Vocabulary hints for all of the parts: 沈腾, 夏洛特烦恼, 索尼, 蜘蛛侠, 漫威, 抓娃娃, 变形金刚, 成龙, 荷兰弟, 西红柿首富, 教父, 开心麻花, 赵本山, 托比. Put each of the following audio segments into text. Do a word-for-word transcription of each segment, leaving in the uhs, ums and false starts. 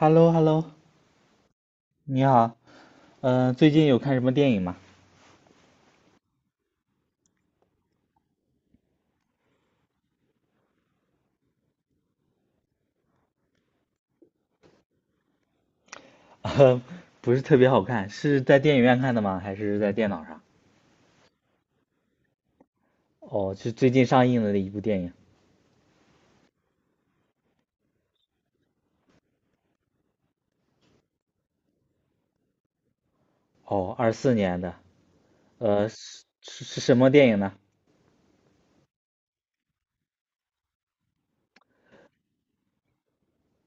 h e l l o h e l l o 你好。呃，最近有看什么电影吗？呃，不是特别好看，是在电影院看的吗？还是在电脑上？哦，是最近上映的一部电影。哦，二四年的。呃，是是是什么电影呢？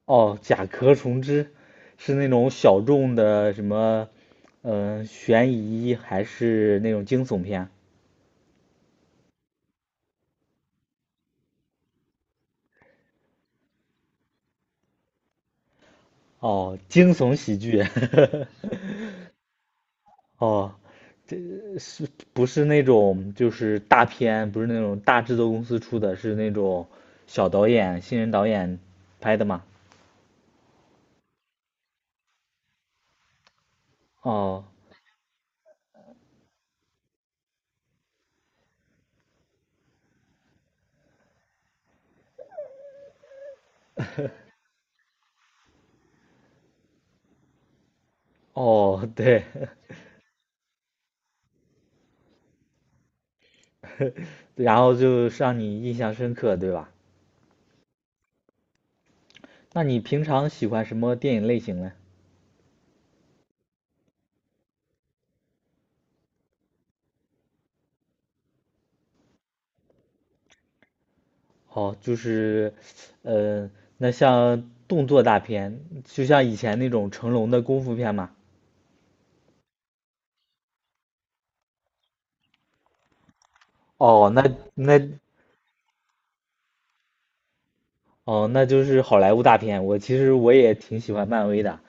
哦，《甲壳虫之》，是那种小众的什么，嗯，悬疑还是那种惊悚片？哦，惊悚喜剧。哦，不是那种就是大片，不是那种大制作公司出的，是那种小导演、新人导演拍的嘛？哦哦，对。然后就让你印象深刻，对吧？那你平常喜欢什么电影类型呢？哦，就是，呃，那像动作大片，就像以前那种成龙的功夫片嘛。哦，那那哦，那就是好莱坞大片。我其实我也挺喜欢漫威的。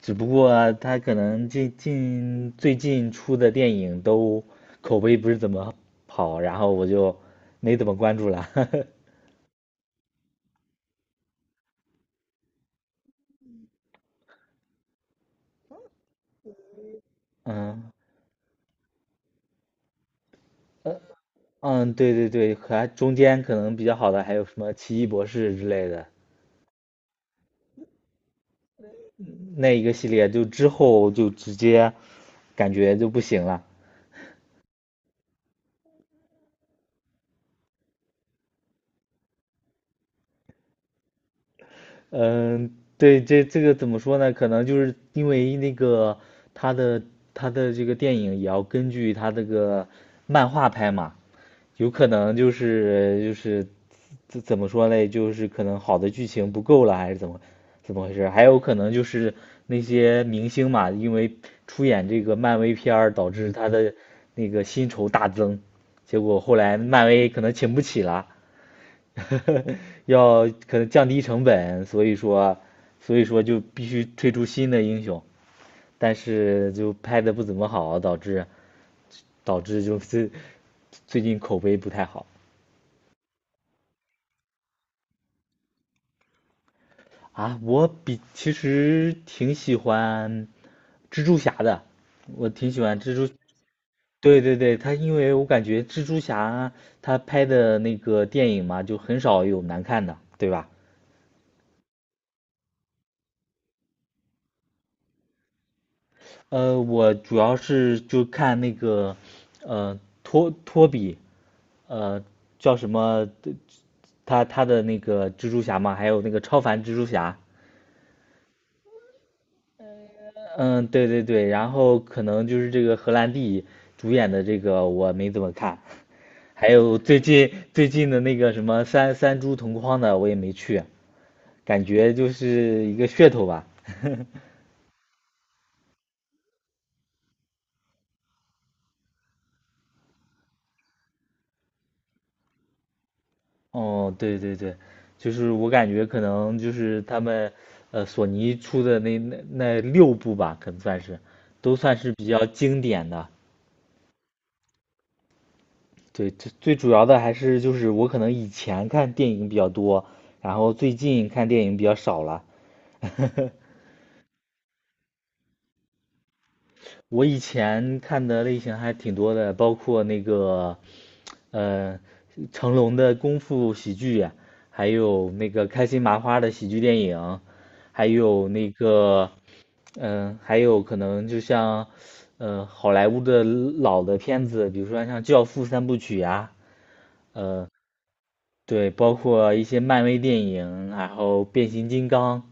只不过他可能近近最近出的电影都口碑不是怎么好，然后我就没怎么关注了。嗯嗯，对对对，还中间可能比较好的还有什么《奇异博士》之类的，那一个系列就之后就直接感觉就不行了。嗯，对，这这个怎么说呢？可能就是因为那个他的他的这个电影也要根据他这个漫画拍嘛，有可能就是就是怎怎么说嘞？就是可能好的剧情不够了，还是怎么怎么回事？还有可能就是那些明星嘛，因为出演这个漫威片儿，导致他的那个薪酬大增，结果后来漫威可能请不起了。要可能降低成本，所以说，所以说就必须推出新的英雄，但是就拍的不怎么好，导致导致就是最近口碑不太好。啊，我比其实挺喜欢蜘蛛侠的，我挺喜欢蜘蛛。对对对，他因为我感觉蜘蛛侠他拍的那个电影嘛，就很少有难看的，对吧？呃，我主要是就看那个，呃，托托比，呃，叫什么？他他的那个蜘蛛侠嘛，还有那个超凡蜘蛛侠。嗯，对对对，然后可能就是这个荷兰弟主演的这个我没怎么看，还有最近最近的那个什么三三株同框的我也没去，感觉就是一个噱头吧。哦，对对对，就是我感觉可能就是他们，呃，索尼出的那那那六部吧，可能算是，都算是比较经典的。对，最最主要的还是就是我可能以前看电影比较多，然后最近看电影比较少了。我以前看的类型还挺多的，包括那个嗯，成龙的功夫喜剧呀，还有那个开心麻花的喜剧电影，还有那个，嗯、还有可能就像，嗯，好莱坞的老的片子，比如说像《教父》三部曲呀、对，包括一些漫威电影，然后变形金刚，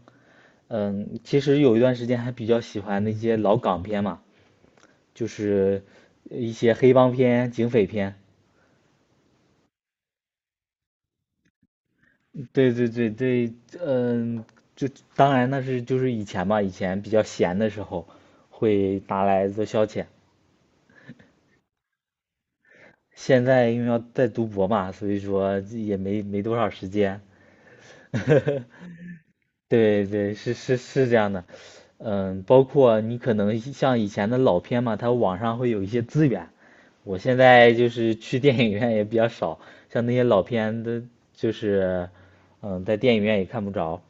嗯，其实有一段时间还比较喜欢那些老港片嘛，就是一些黑帮片、警匪片。对对对对，嗯，就当然那是就是以前吧，以前比较闲的时候会拿来做消遣。现在因为要在读博嘛，所以说也没没多少时间。对对，是是是这样的，嗯，包括你可能像以前的老片嘛，它网上会有一些资源。我现在就是去电影院也比较少，像那些老片的，就是嗯，在电影院也看不着。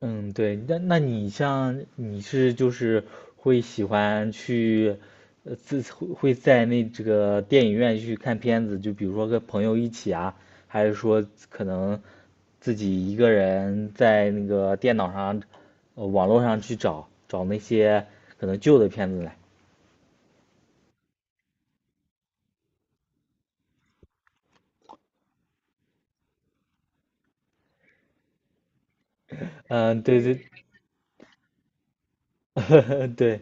嗯，对，那那你像你是就是会喜欢去，呃，自会会在那这个电影院去看片子，就比如说跟朋友一起啊，还是说可能自己一个人在那个电脑上，呃，网络上去找找那些可能旧的片子来。嗯，对对。对，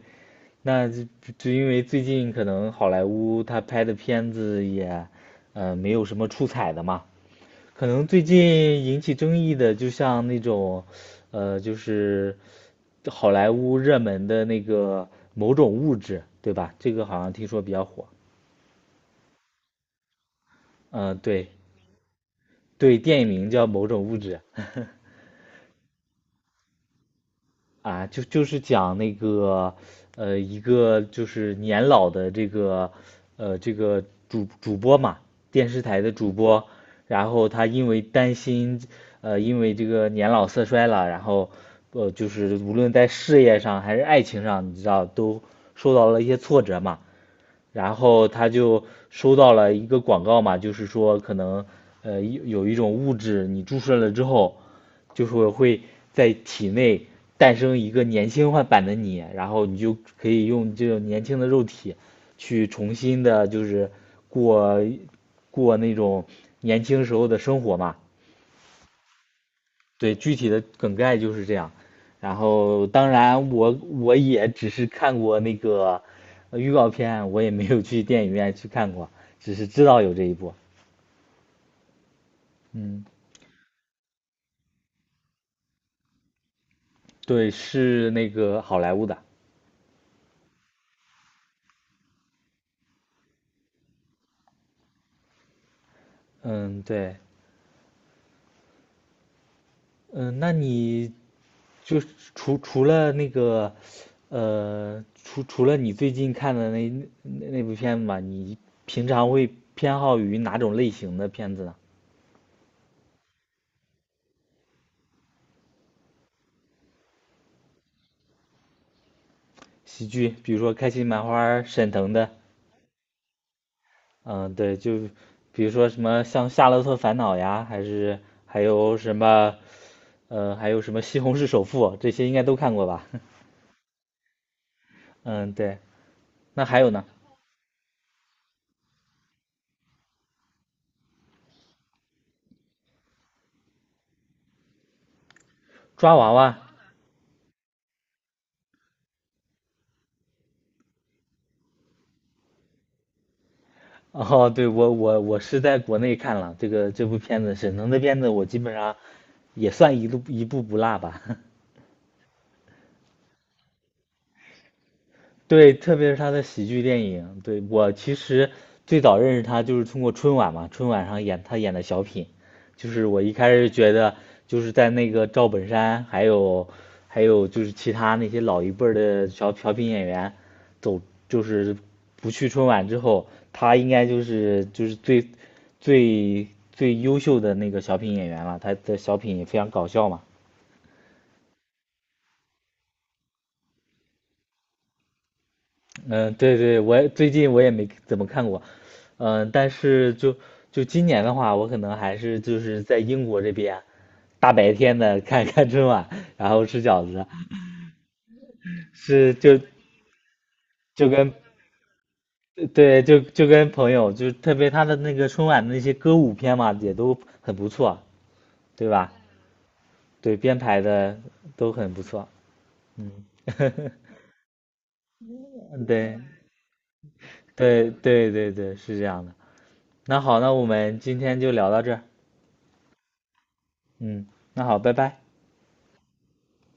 那就就因为最近可能好莱坞他拍的片子也，呃，没有什么出彩的嘛。可能最近引起争议的，就像那种，呃，就是好莱坞热门的那个某种物质，对吧？这个好像听说比较火。嗯、对对，电影名叫《某种物质》。啊，就就是讲那个，呃，一个就是年老的这个，呃，这个主主播嘛，电视台的主播，然后他因为担心，呃，因为这个年老色衰了，然后，呃，就是无论在事业上还是爱情上，你知道都受到了一些挫折嘛，然后他就收到了一个广告嘛，就是说可能呃有一种物质，你注射了之后，就是会在体内诞生一个年轻化版的你，然后你就可以用这种年轻的肉体去重新的，就是过过那种年轻时候的生活嘛。对，具体的梗概就是这样。然后，当然我我也只是看过那个呃预告片，我也没有去电影院去看过，只是知道有这一部。嗯，对，是那个好莱坞的。嗯，对，嗯，那你就是除除了那个，呃，除除了你最近看的那那那部片子吧，你平常会偏好于哪种类型的片子呢？喜剧，比如说开心麻花、沈腾的。嗯，对，就比如说什么像《夏洛特烦恼》呀，还是还有什么，呃，还有什么《西红柿首富》，这些应该都看过吧？嗯，对。那还有呢，抓娃娃。哦，对，我我我是在国内看了这个这部片子，沈腾的片子我基本上也算一路一部不落吧。对，特别是他的喜剧电影，对，我其实最早认识他就是通过春晚嘛，春晚上演他演的小品，就是我一开始觉得就是在那个赵本山，还有还有就是其他那些老一辈儿的小小品演员走，就是不去春晚之后，他应该就是就是最最最优秀的那个小品演员了，他的小品也非常搞笑嘛。嗯，对对，我也最近我也没怎么看过，嗯，但是就就今年的话，我可能还是就是在英国这边，大白天的看 看春晚，然后吃饺子，是就就跟对就就跟朋友，就是特别他的那个春晚的那些歌舞片嘛，也都很不错，对吧？对，编排的都很不错，嗯。对对对对对，是这样的。那好，那我们今天就聊到这儿，嗯，那好，拜拜。